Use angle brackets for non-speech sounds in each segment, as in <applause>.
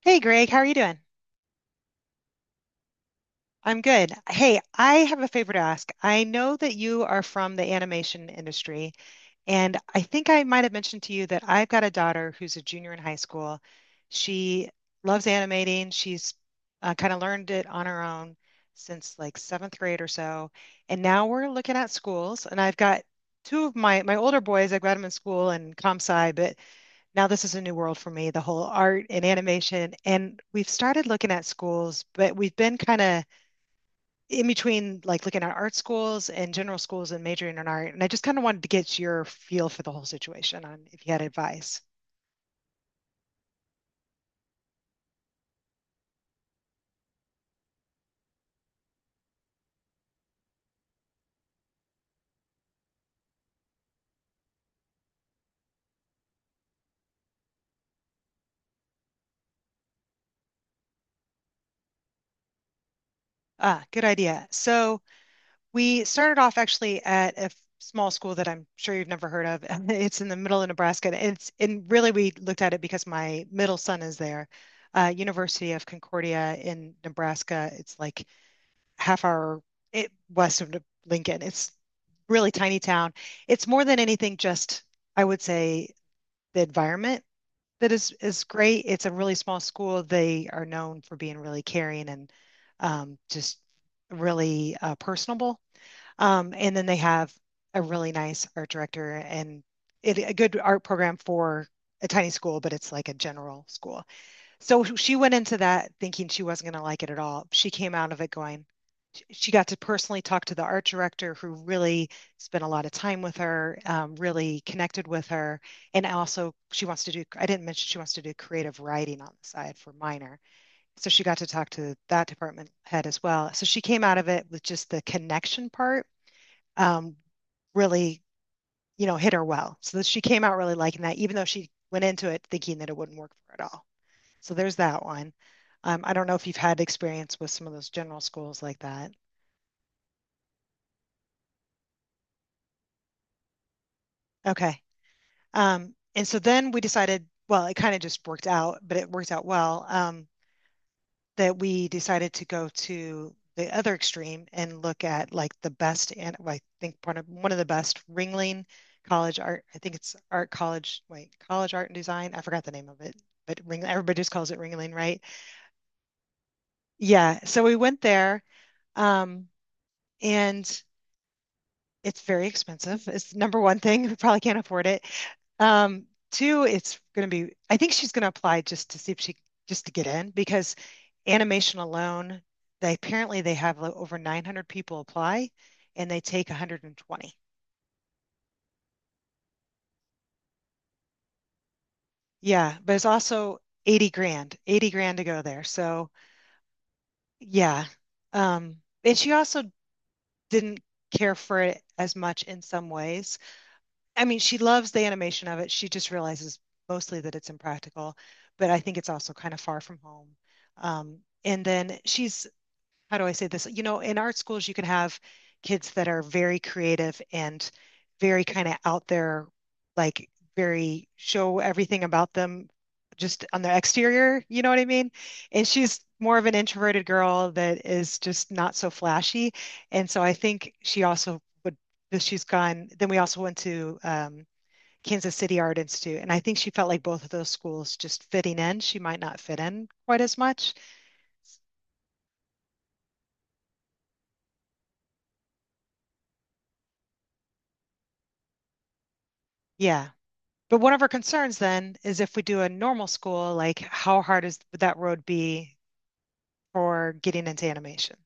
Hey Greg, how are you doing? I'm good. Hey, I have a favor to ask. I know that you are from the animation industry, and I think I might have mentioned to you that I've got a daughter who's a junior in high school. She loves animating. She's kind of learned it on her own since like seventh grade or so. And now we're looking at schools, and I've got two of my older boys. I've got them in school and comp sci, but now this is a new world for me, the whole art and animation. And we've started looking at schools, but we've been kind of in between like looking at art schools and general schools and majoring in art. And I just kind of wanted to get your feel for the whole situation on if you had advice. Ah, good idea. So we started off actually at a small school that I'm sure you've never heard of. <laughs> It's in the middle of Nebraska. And it's and really we looked at it because my middle son is there. University of Concordia in Nebraska. It's like half hour it, west of Lincoln. It's really tiny town. It's more than anything just I would say the environment that is great. It's a really small school. They are known for being really caring and just really personable. And then they have a really nice art director and it, a good art program for a tiny school, but it's like a general school. So she went into that thinking she wasn't going to like it at all. She came out of it going, she got to personally talk to the art director who really spent a lot of time with her, really connected with her. And also, she wants to do, I didn't mention she wants to do creative writing on the side for minor. So she got to talk to that department head as well. So she came out of it with just the connection part um, really, hit her well. So she came out really liking that, even though she went into it thinking that it wouldn't work for her at all. So there's that one. I don't know if you've had experience with some of those general schools like that. Okay. And so then we decided, well, it kind of just worked out, but it worked out well, that we decided to go to the other extreme and look at like the best, and well, I think one of the best Ringling College Art, I think it's Art College, wait, College Art and Design. I forgot the name of it, but Ring, everybody just calls it Ringling, right? Yeah. So we went there, um, and it's very expensive. It's the number one thing. We probably can't afford it. Two, it's going to be, I think she's going to apply just to see if she, just to get in because animation alone, they apparently they have like over 900 people apply and they take 120. Yeah, but it's also 80 grand, 80 grand to go there. So yeah. Um, and she also didn't care for it as much in some ways. I mean, she loves the animation of it. She just realizes mostly that it's impractical, but I think it's also kind of far from home. Um, and then she's how do I say this? You know, in art schools, you can have kids that are very creative and very kind of out there, like very show everything about them just on their exterior, you know what I mean? And she's more of an introverted girl that is just not so flashy. And so I think she also would, she's gone. Then we also went to Kansas City Art Institute. And I think she felt like both of those schools just fitting in. She might not fit in quite as much. Yeah. But one of our concerns then is if we do a normal school, like how hard is would that road be for getting into animation?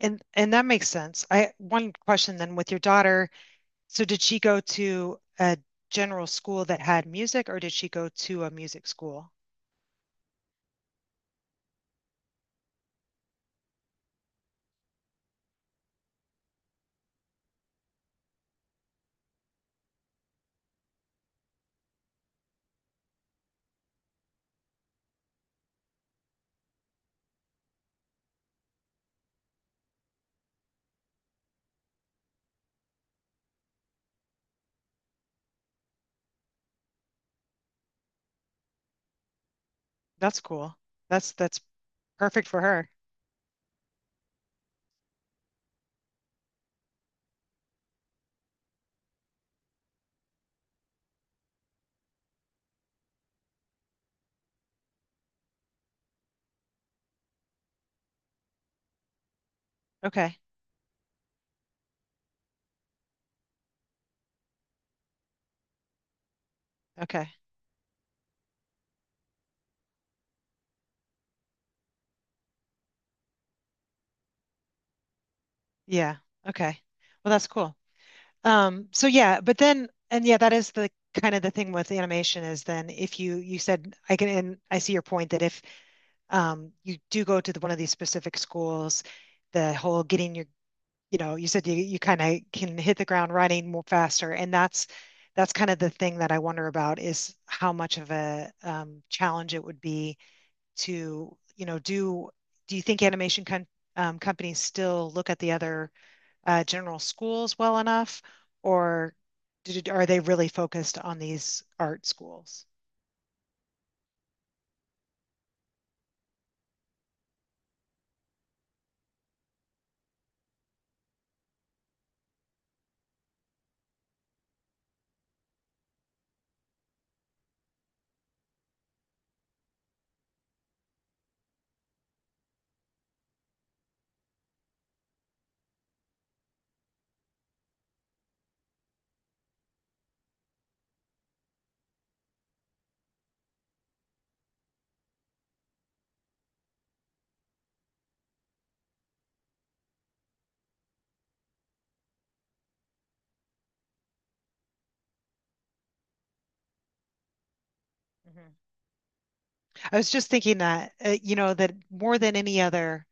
And that makes sense. I One question then with your daughter, so did she go to a general school that had music or did she go to a music school? That's cool. That's perfect for her. Okay. Okay. Yeah. Okay. Well, that's cool. So yeah, but then and yeah, that is the kind of the thing with animation is then if you said I can and I see your point that if you do go to one of these specific schools, the whole getting your, you said you kind of can hit the ground running more faster. And that's kind of the thing that I wonder about is how much of a challenge it would be to, do you think animation con companies still look at the other general schools well enough, or are they really focused on these art schools? hmm I was just thinking that, that more than any other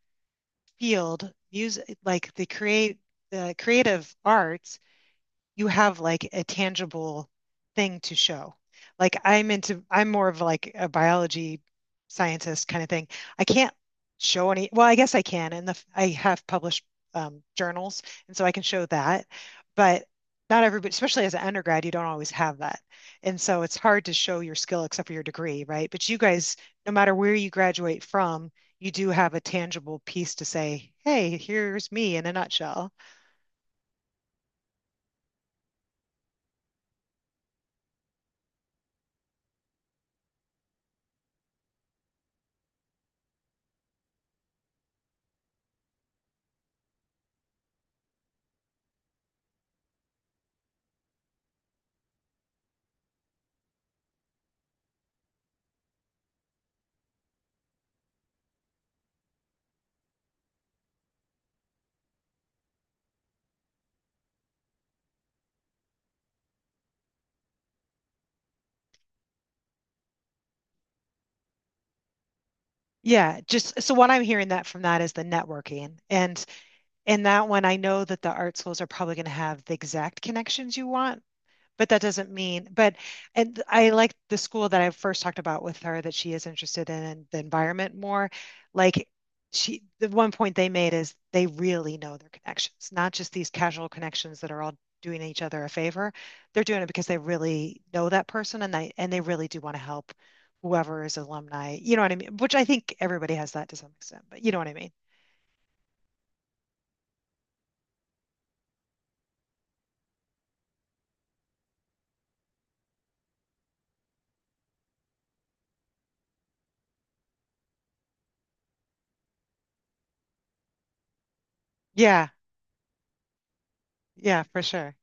field, music, like the creative arts you have like a tangible thing to show. Like I'm into, I'm more of like a biology scientist kind of thing. I can't show any, well, I guess I can, and the, I have published journals, and so I can show that. But not everybody, especially as an undergrad, you don't always have that. And so it's hard to show your skill except for your degree, right? But you guys, no matter where you graduate from, you do have a tangible piece to say, hey, here's me in a nutshell. Yeah, just so what I'm hearing that from that is the networking. And in that one, I know that the art schools are probably going to have the exact connections you want, but that doesn't mean, but and I like the school that I first talked about with her that she is interested in the environment more. Like the one point they made is they really know their connections, not just these casual connections that are all doing each other a favor. They're doing it because they really know that person and they really do want to help whoever is alumni. You know what I mean? Which I think everybody has that to some extent, but you know what I mean? Yeah, yeah, for sure.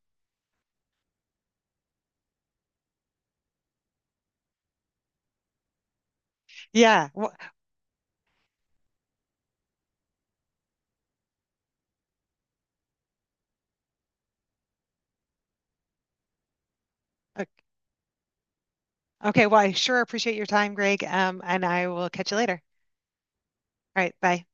Yeah. Well, okay, well, I sure appreciate your time, Greg, and I will catch you later. All right, bye.